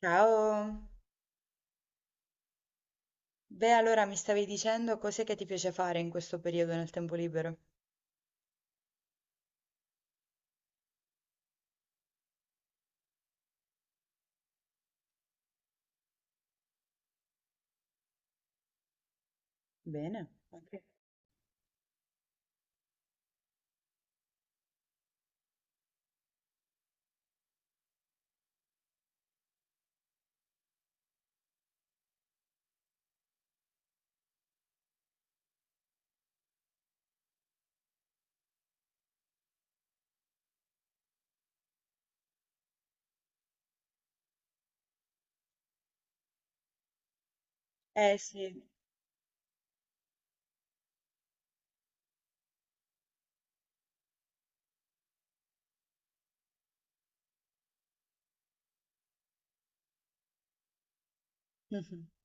Ciao. Beh, allora mi stavi dicendo cos'è che ti piace fare in questo periodo nel tempo libero? Bene, anche. Eh sì.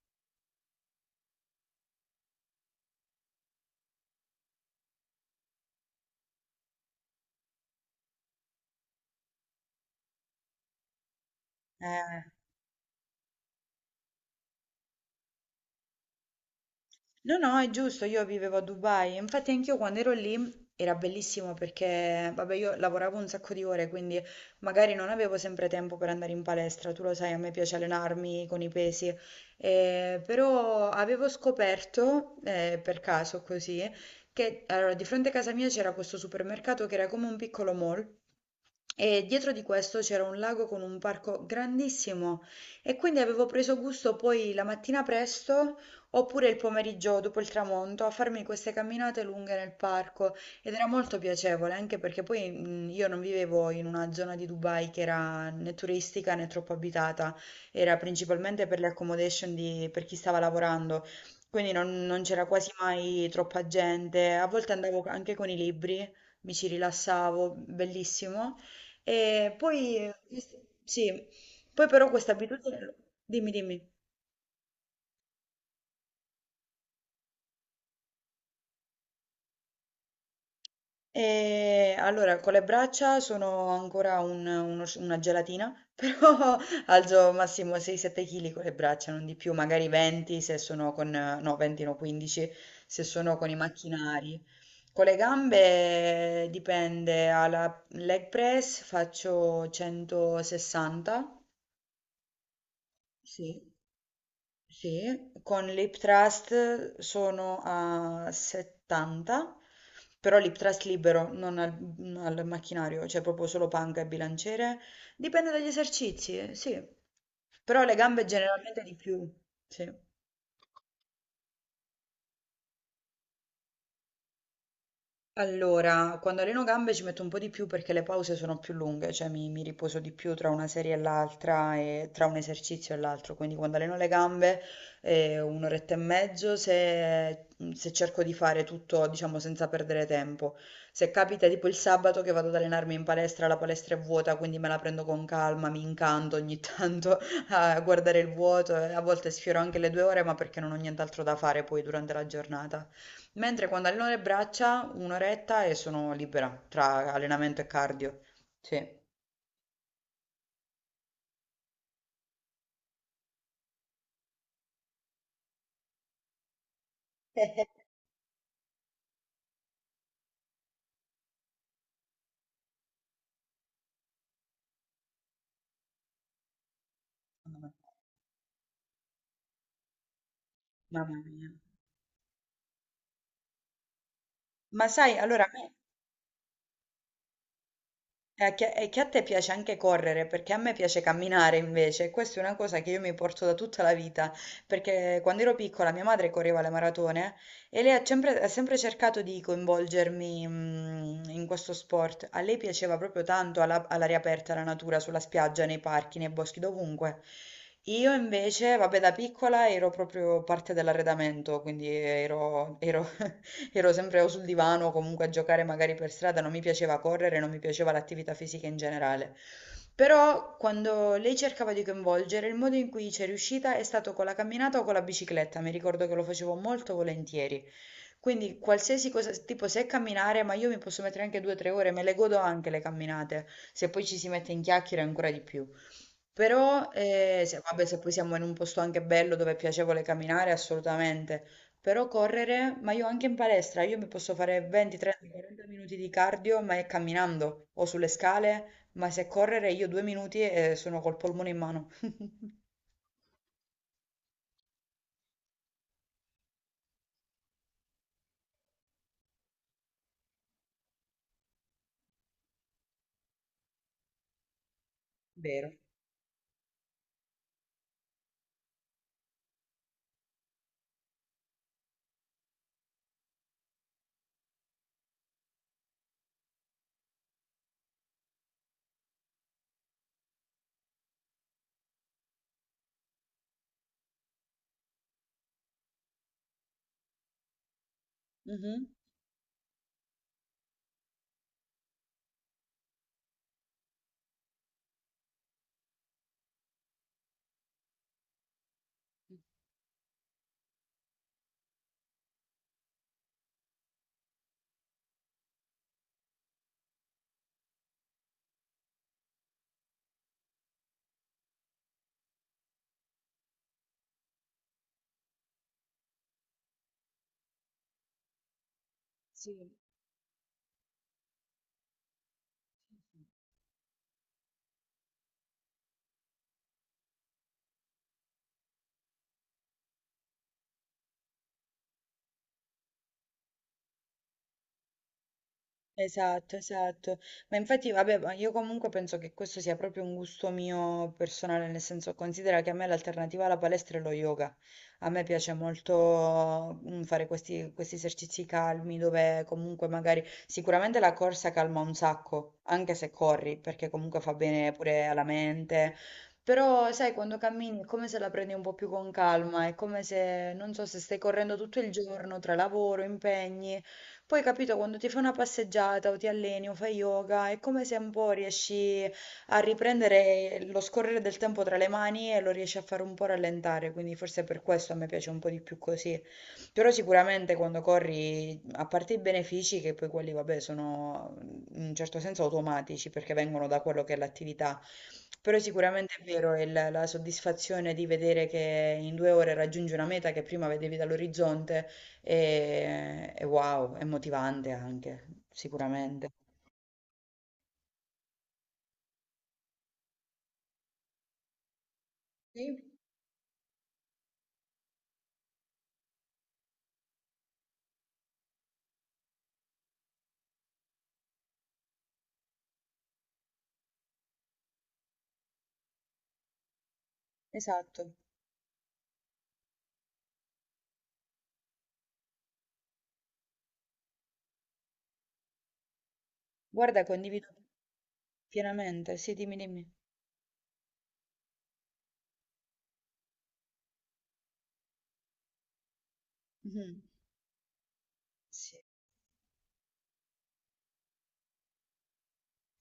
Eh, no, no, è giusto, io vivevo a Dubai. Infatti anch'io quando ero lì era bellissimo perché, vabbè, io lavoravo un sacco di ore, quindi magari non avevo sempre tempo per andare in palestra. Tu lo sai, a me piace allenarmi con i pesi, però avevo scoperto, per caso così, che allora, di fronte a casa mia c'era questo supermercato che era come un piccolo mall. E dietro di questo c'era un lago con un parco grandissimo, e quindi avevo preso gusto poi la mattina presto oppure il pomeriggio dopo il tramonto a farmi queste camminate lunghe nel parco, ed era molto piacevole, anche perché poi io non vivevo in una zona di Dubai che era né turistica né troppo abitata, era principalmente per le accommodation di- per chi stava lavorando, quindi non c'era quasi mai troppa gente, a volte andavo anche con i libri, mi ci rilassavo, bellissimo. E poi, sì, poi però questa abitudine, dimmi, dimmi. E allora, con le braccia sono ancora un- uno sci- una gelatina, però alzo massimo 6-7 kg con le braccia, non di più, magari 20 se sono con, no, 20 no, 15 se sono con i macchinari. Con le gambe dipende, alla leg press faccio 160, sì. Sì, con l'Iptrust sono a 70, però l'Iptrust libero, non al, al macchinario, cioè proprio solo panca e bilanciere. Dipende dagli esercizi, sì. Però le gambe generalmente di più, sì. Allora, quando alleno gambe ci metto un po' di più perché le pause sono più lunghe, cioè mi riposo di più tra una serie e l'altra e tra un esercizio e l'altro, quindi quando alleno le gambe un'oretta e mezzo se, se cerco di fare tutto, diciamo, senza perdere tempo. Se capita tipo il sabato che vado ad allenarmi in palestra, la palestra è vuota, quindi me la prendo con calma, mi incanto ogni tanto a guardare il vuoto, e a volte sfioro anche le 2 ore, ma perché non ho nient'altro da fare poi durante la giornata. Mentre quando alleno le braccia, un'oretta e sono libera tra allenamento e cardio. Sì. Secondo me. Mamma mia. Ma sai, allora a me. E che a te piace anche correre, perché a me piace camminare invece. Questa è una cosa che io mi porto da tutta la vita, perché quando ero piccola mia madre correva le maratone e lei ha sempre cercato di coinvolgermi, in questo sport. A lei piaceva proprio tanto alla- all'aria aperta, la natura, sulla spiaggia, nei parchi, nei boschi, dovunque. Io invece, vabbè, da piccola ero proprio parte dell'arredamento, quindi ero sempre o sul divano o comunque a giocare magari per strada, non mi piaceva correre, non mi piaceva l'attività fisica in generale. Però quando lei cercava di coinvolgere, il modo in cui ci è riuscita è stato con la camminata o con la bicicletta, mi ricordo che lo facevo molto volentieri. Quindi qualsiasi cosa, tipo se è camminare, ma io mi posso mettere anche 2 o 3 ore, me le godo anche le camminate, se poi ci si mette in chiacchiere ancora di più. Però, se, vabbè, se poi siamo in un posto anche bello dove è piacevole camminare, assolutamente. Però correre, ma io anche in palestra, io mi posso fare 20, 30, 40 minuti di cardio, ma è camminando o sulle scale, ma se correre io 2 minuti e sono col polmone in mano. Vero. Mhm. Sì. Esatto, esatto. Ma infatti, vabbè, ma io comunque penso che questo sia proprio un gusto mio personale, nel senso considera che a me l'alternativa alla palestra è lo yoga. A me piace molto, fare questi esercizi calmi dove comunque magari sicuramente la corsa calma un sacco, anche se corri, perché comunque fa bene pure alla mente. Però, sai, quando cammini è come se la prendi un po' più con calma, è come se, non so, se stai correndo tutto il giorno tra lavoro, impegni. Poi capito, quando ti fai una passeggiata o ti alleni o fai yoga, è come se un po' riesci a riprendere lo scorrere del tempo tra le mani e lo riesci a fare un po' rallentare, quindi forse per questo a me piace un po' di più così. Però sicuramente quando corri, a parte i benefici, che poi quelli, vabbè, sono in un certo senso automatici perché vengono da quello che è l'attività, però sicuramente è vero la soddisfazione di vedere che in 2 ore raggiungi una meta che prima vedevi dall'orizzonte è wow, è motivante anche, sicuramente. Sì, esatto. Guarda, condivido pienamente. Sì, dimmi, dimmi. Mhm. Sì.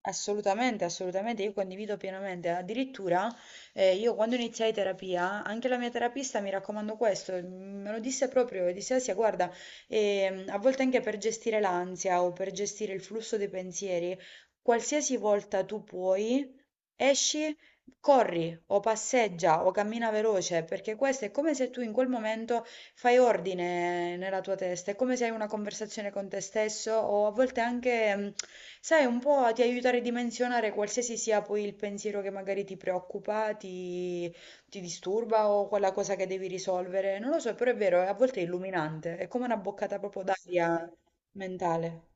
Assolutamente, assolutamente, io condivido pienamente. Addirittura, io quando iniziai terapia, anche la mia terapista mi raccomandò questo, me lo disse proprio, disse Asia, guarda, a volte anche per gestire l'ansia o per gestire il flusso dei pensieri, qualsiasi volta tu puoi, esci, corri o passeggia o cammina veloce, perché questo è come se tu in quel momento fai ordine nella tua testa, è come se hai una conversazione con te stesso o a volte anche, sai, un po' ti aiuta a ridimensionare qualsiasi sia poi il pensiero che magari ti preoccupa, ti disturba o quella cosa che devi risolvere. Non lo so, però è vero, a volte è illuminante, è come una boccata proprio d'aria mentale.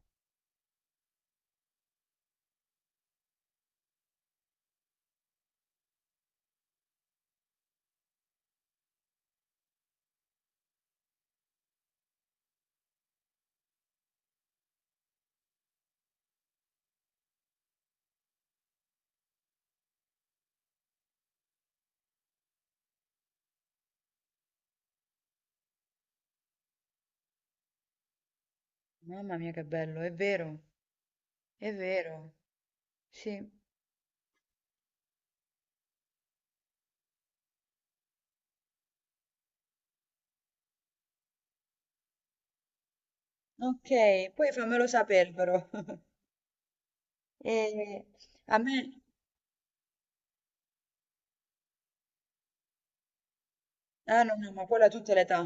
Mamma mia, che bello, è vero, sì. Ok, poi fammelo sapere però. E a me... Ah no, no, ma quella a tutte le età.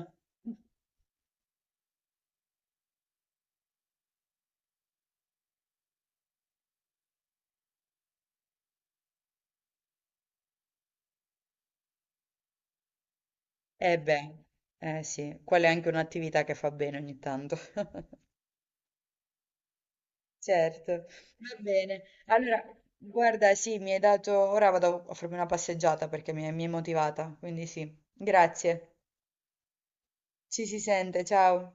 Eh beh, eh sì, quella è anche un'attività che fa bene ogni tanto. Certo, va bene. Allora, guarda, sì, mi hai dato... Ora vado a farmi una passeggiata perché mi hai motivata, quindi sì. Grazie. Ci si sente, ciao.